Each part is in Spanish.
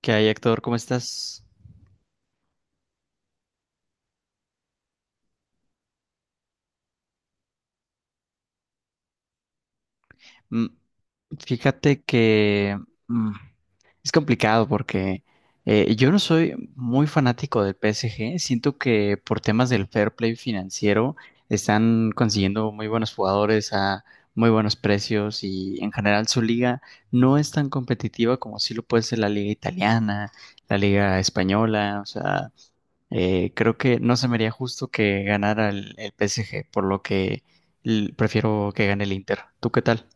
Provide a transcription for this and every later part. ¿Qué hay, Héctor? ¿Cómo estás? Mm, Fíjate que mm, es complicado porque yo no soy muy fanático del PSG. Siento que por temas del fair play financiero están consiguiendo muy buenos jugadores a muy buenos precios y en general su liga no es tan competitiva como sí lo puede ser la liga italiana, la liga española. O sea, creo que no se me haría justo que ganara el PSG, por lo que prefiero que gane el Inter. ¿Tú qué tal?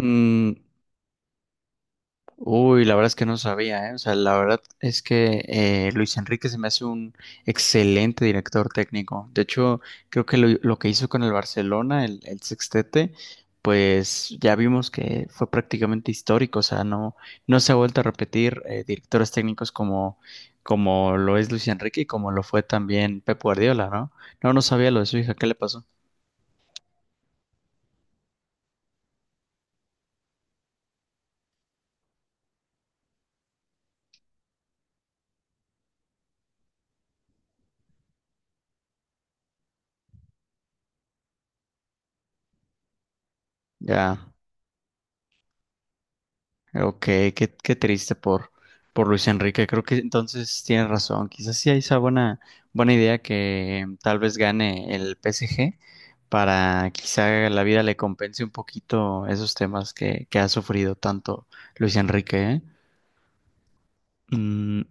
Mm, Uy, la verdad es que no sabía, ¿eh? O sea, la verdad es que Luis Enrique se me hace un excelente director técnico. De hecho, creo que lo que hizo con el Barcelona, el sextete, pues ya vimos que fue prácticamente histórico. O sea, no, no se ha vuelto a repetir directores técnicos como, como lo es Luis Enrique y como lo fue también Pep Guardiola, ¿no? No, no sabía lo de su hija, ¿qué le pasó? Ya. Ok, qué, qué triste por Luis Enrique. Creo que entonces tienes razón. Quizás sí hay esa buena, buena idea que tal vez gane el PSG para quizá la vida le compense un poquito esos temas que ha sufrido tanto Luis Enrique, ¿eh? Mm,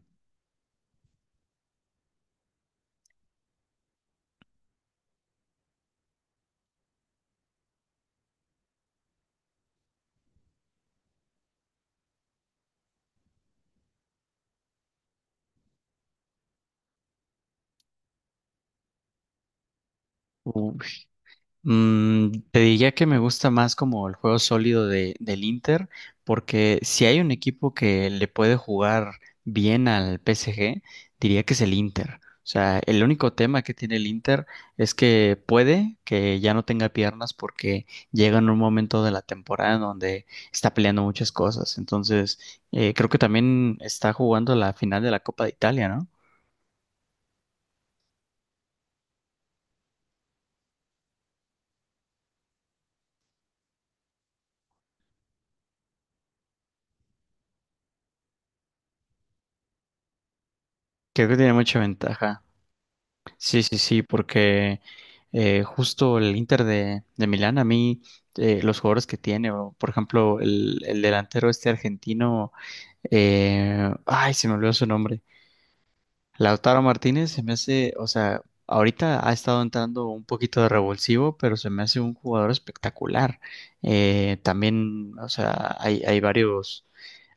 uy. Te diría que me gusta más como el juego sólido de, del Inter, porque si hay un equipo que le puede jugar bien al PSG, diría que es el Inter. O sea, el único tema que tiene el Inter es que puede que ya no tenga piernas porque llega en un momento de la temporada en donde está peleando muchas cosas. Entonces, creo que también está jugando la final de la Copa de Italia, ¿no? Creo que tiene mucha ventaja. Sí, sí, sí, porque justo el Inter de Milán, a mí, los jugadores que tiene, o por ejemplo, el delantero este argentino, ay, se me olvidó su nombre, Lautaro Martínez, se me hace, o sea, ahorita ha estado entrando un poquito de revulsivo, pero se me hace un jugador espectacular. También, o sea, hay varios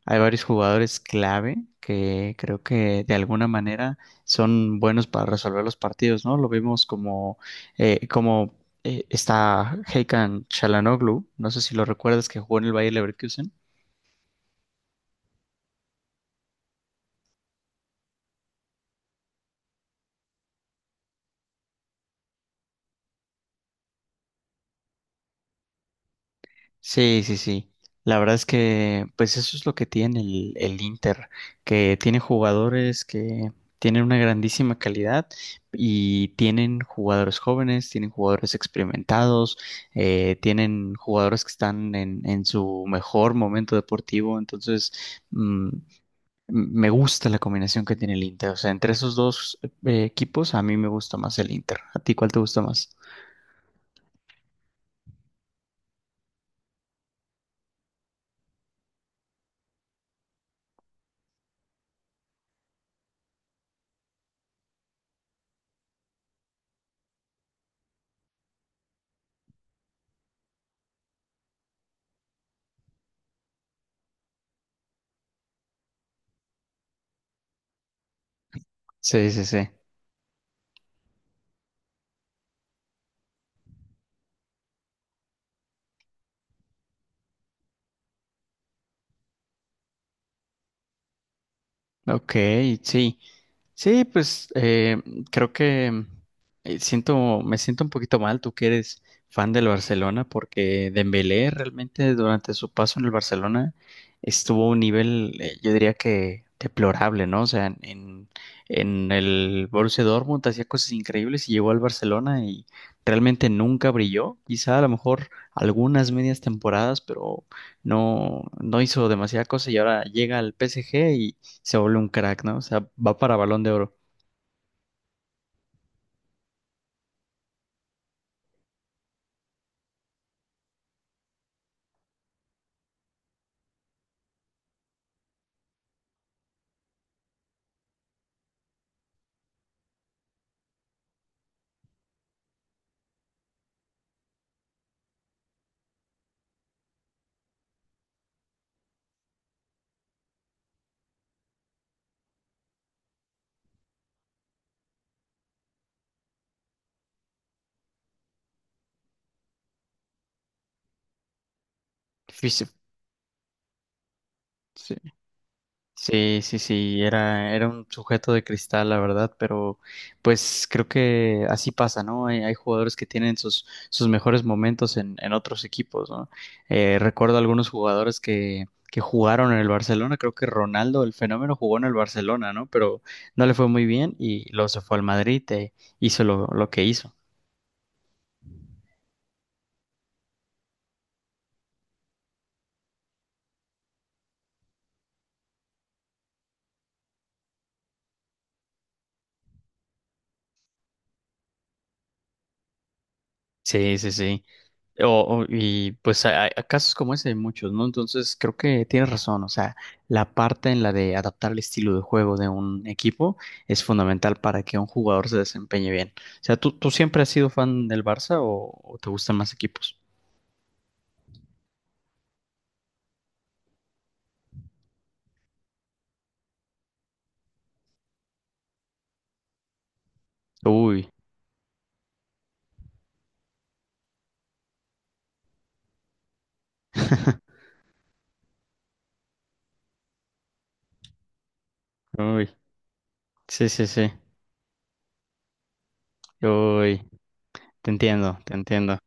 hay varios jugadores clave que creo que de alguna manera son buenos para resolver los partidos, ¿no? Lo vimos como, como está Hakan Çalhanoğlu, no sé si lo recuerdas, que jugó en el Bayer Leverkusen. Sí, sí, sí. La verdad es que, pues eso es lo que tiene el Inter, que tiene jugadores que tienen una grandísima calidad y tienen jugadores jóvenes, tienen jugadores experimentados, tienen jugadores que están en su mejor momento deportivo. Entonces, mm, me gusta la combinación que tiene el Inter. O sea, entre esos dos equipos, a mí me gusta más el Inter. ¿A ti cuál te gusta más? Sí, sí, sí. Ok, sí. Sí, pues creo que siento, me siento un poquito mal, tú que eres fan del Barcelona, porque Dembélé realmente durante su paso en el Barcelona estuvo a un nivel, yo diría que deplorable, ¿no? O sea, en el Borussia Dortmund hacía cosas increíbles y llegó al Barcelona y realmente nunca brilló. Quizá a lo mejor algunas medias temporadas, pero no, no hizo demasiada cosa y ahora llega al PSG, se vuelve un crack, ¿no? O sea, va para Balón de Oro. Fis- Sí. Sí, sí, sí, era un sujeto de cristal, la verdad, pero pues creo que así pasa, ¿no? Hay jugadores que tienen sus, sus mejores momentos en otros equipos, ¿no? Recuerdo algunos jugadores que jugaron en el Barcelona, creo que Ronaldo, el fenómeno, jugó en el Barcelona, ¿no? Pero no le fue muy bien y luego se fue al Madrid e hizo lo que hizo. Sí, sí, sí. Y pues hay casos como ese hay muchos, ¿no? Entonces creo que tienes razón, o sea, la parte en la de adaptar el estilo de juego de un equipo es fundamental para que un jugador se desempeñe bien. O sea, ¿tú, tú siempre has sido fan del Barça o te gustan más equipos? Uy, uy, sí, sí, sí, uy, te entiendo, te entiendo.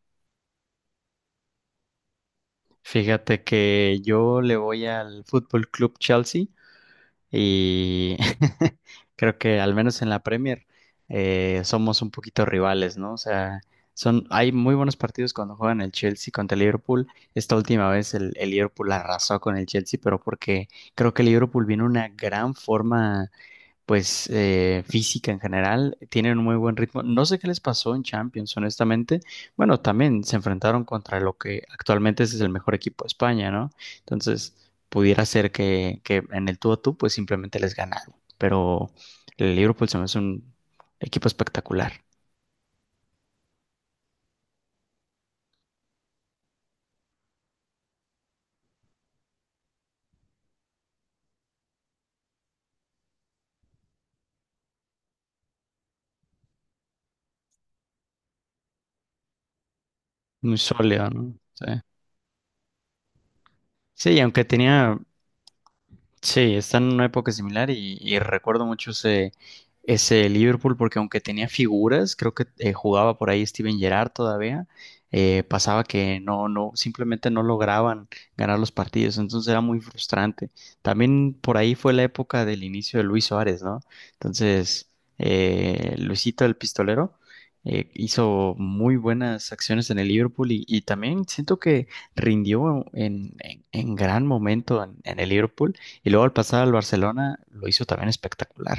Fíjate que yo le voy al Fútbol Club Chelsea y creo que al menos en la Premier somos un poquito rivales, ¿no? O sea, son, hay muy buenos partidos cuando juegan el Chelsea contra el Liverpool. Esta última vez el Liverpool arrasó con el Chelsea, pero porque creo que el Liverpool vino en una gran forma pues física en general, tienen un muy buen ritmo. No sé qué les pasó en Champions, honestamente. Bueno, también se enfrentaron contra lo que actualmente es el mejor equipo de España, ¿no? Entonces, pudiera ser que en el tú a tú, pues simplemente les ganaron. Pero el Liverpool se me hace un equipo espectacular, muy sólido, ¿no? Sí, sí, y aunque tenía sí, está en una época similar y recuerdo mucho ese, ese Liverpool porque aunque tenía figuras, creo que jugaba por ahí Steven Gerrard todavía, pasaba que no, no, simplemente no lograban ganar los partidos, entonces era muy frustrante. También por ahí fue la época del inicio de Luis Suárez, ¿no? Entonces, Luisito el Pistolero hizo muy buenas acciones en el Liverpool y también siento que rindió en gran momento en el Liverpool. Y luego al pasar al Barcelona lo hizo también espectacular.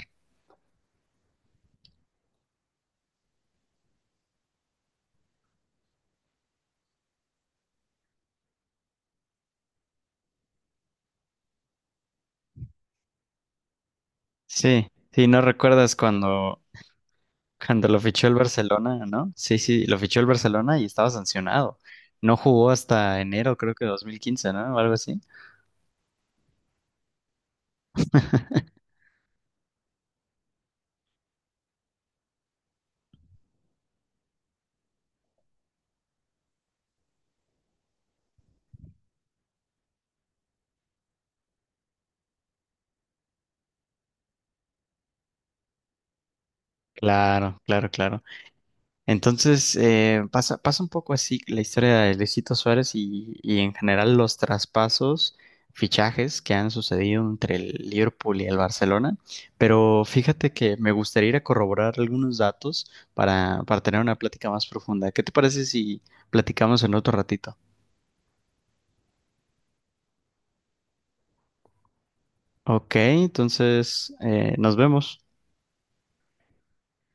Sí, sí, no recuerdas cuando, cuando lo fichó el Barcelona, ¿no? Sí, sí, lo fichó el Barcelona y estaba sancionado. No jugó hasta enero, creo que 2015, ¿no? O algo así. Claro, claro, claro. Entonces, pasa, pasa un poco así la historia de Luisito Suárez y en general los traspasos, fichajes que han sucedido entre el Liverpool y el Barcelona. Pero fíjate que me gustaría ir a corroborar algunos datos para tener una plática más profunda. ¿Qué te parece si platicamos en otro ratito? Ok, entonces nos vemos.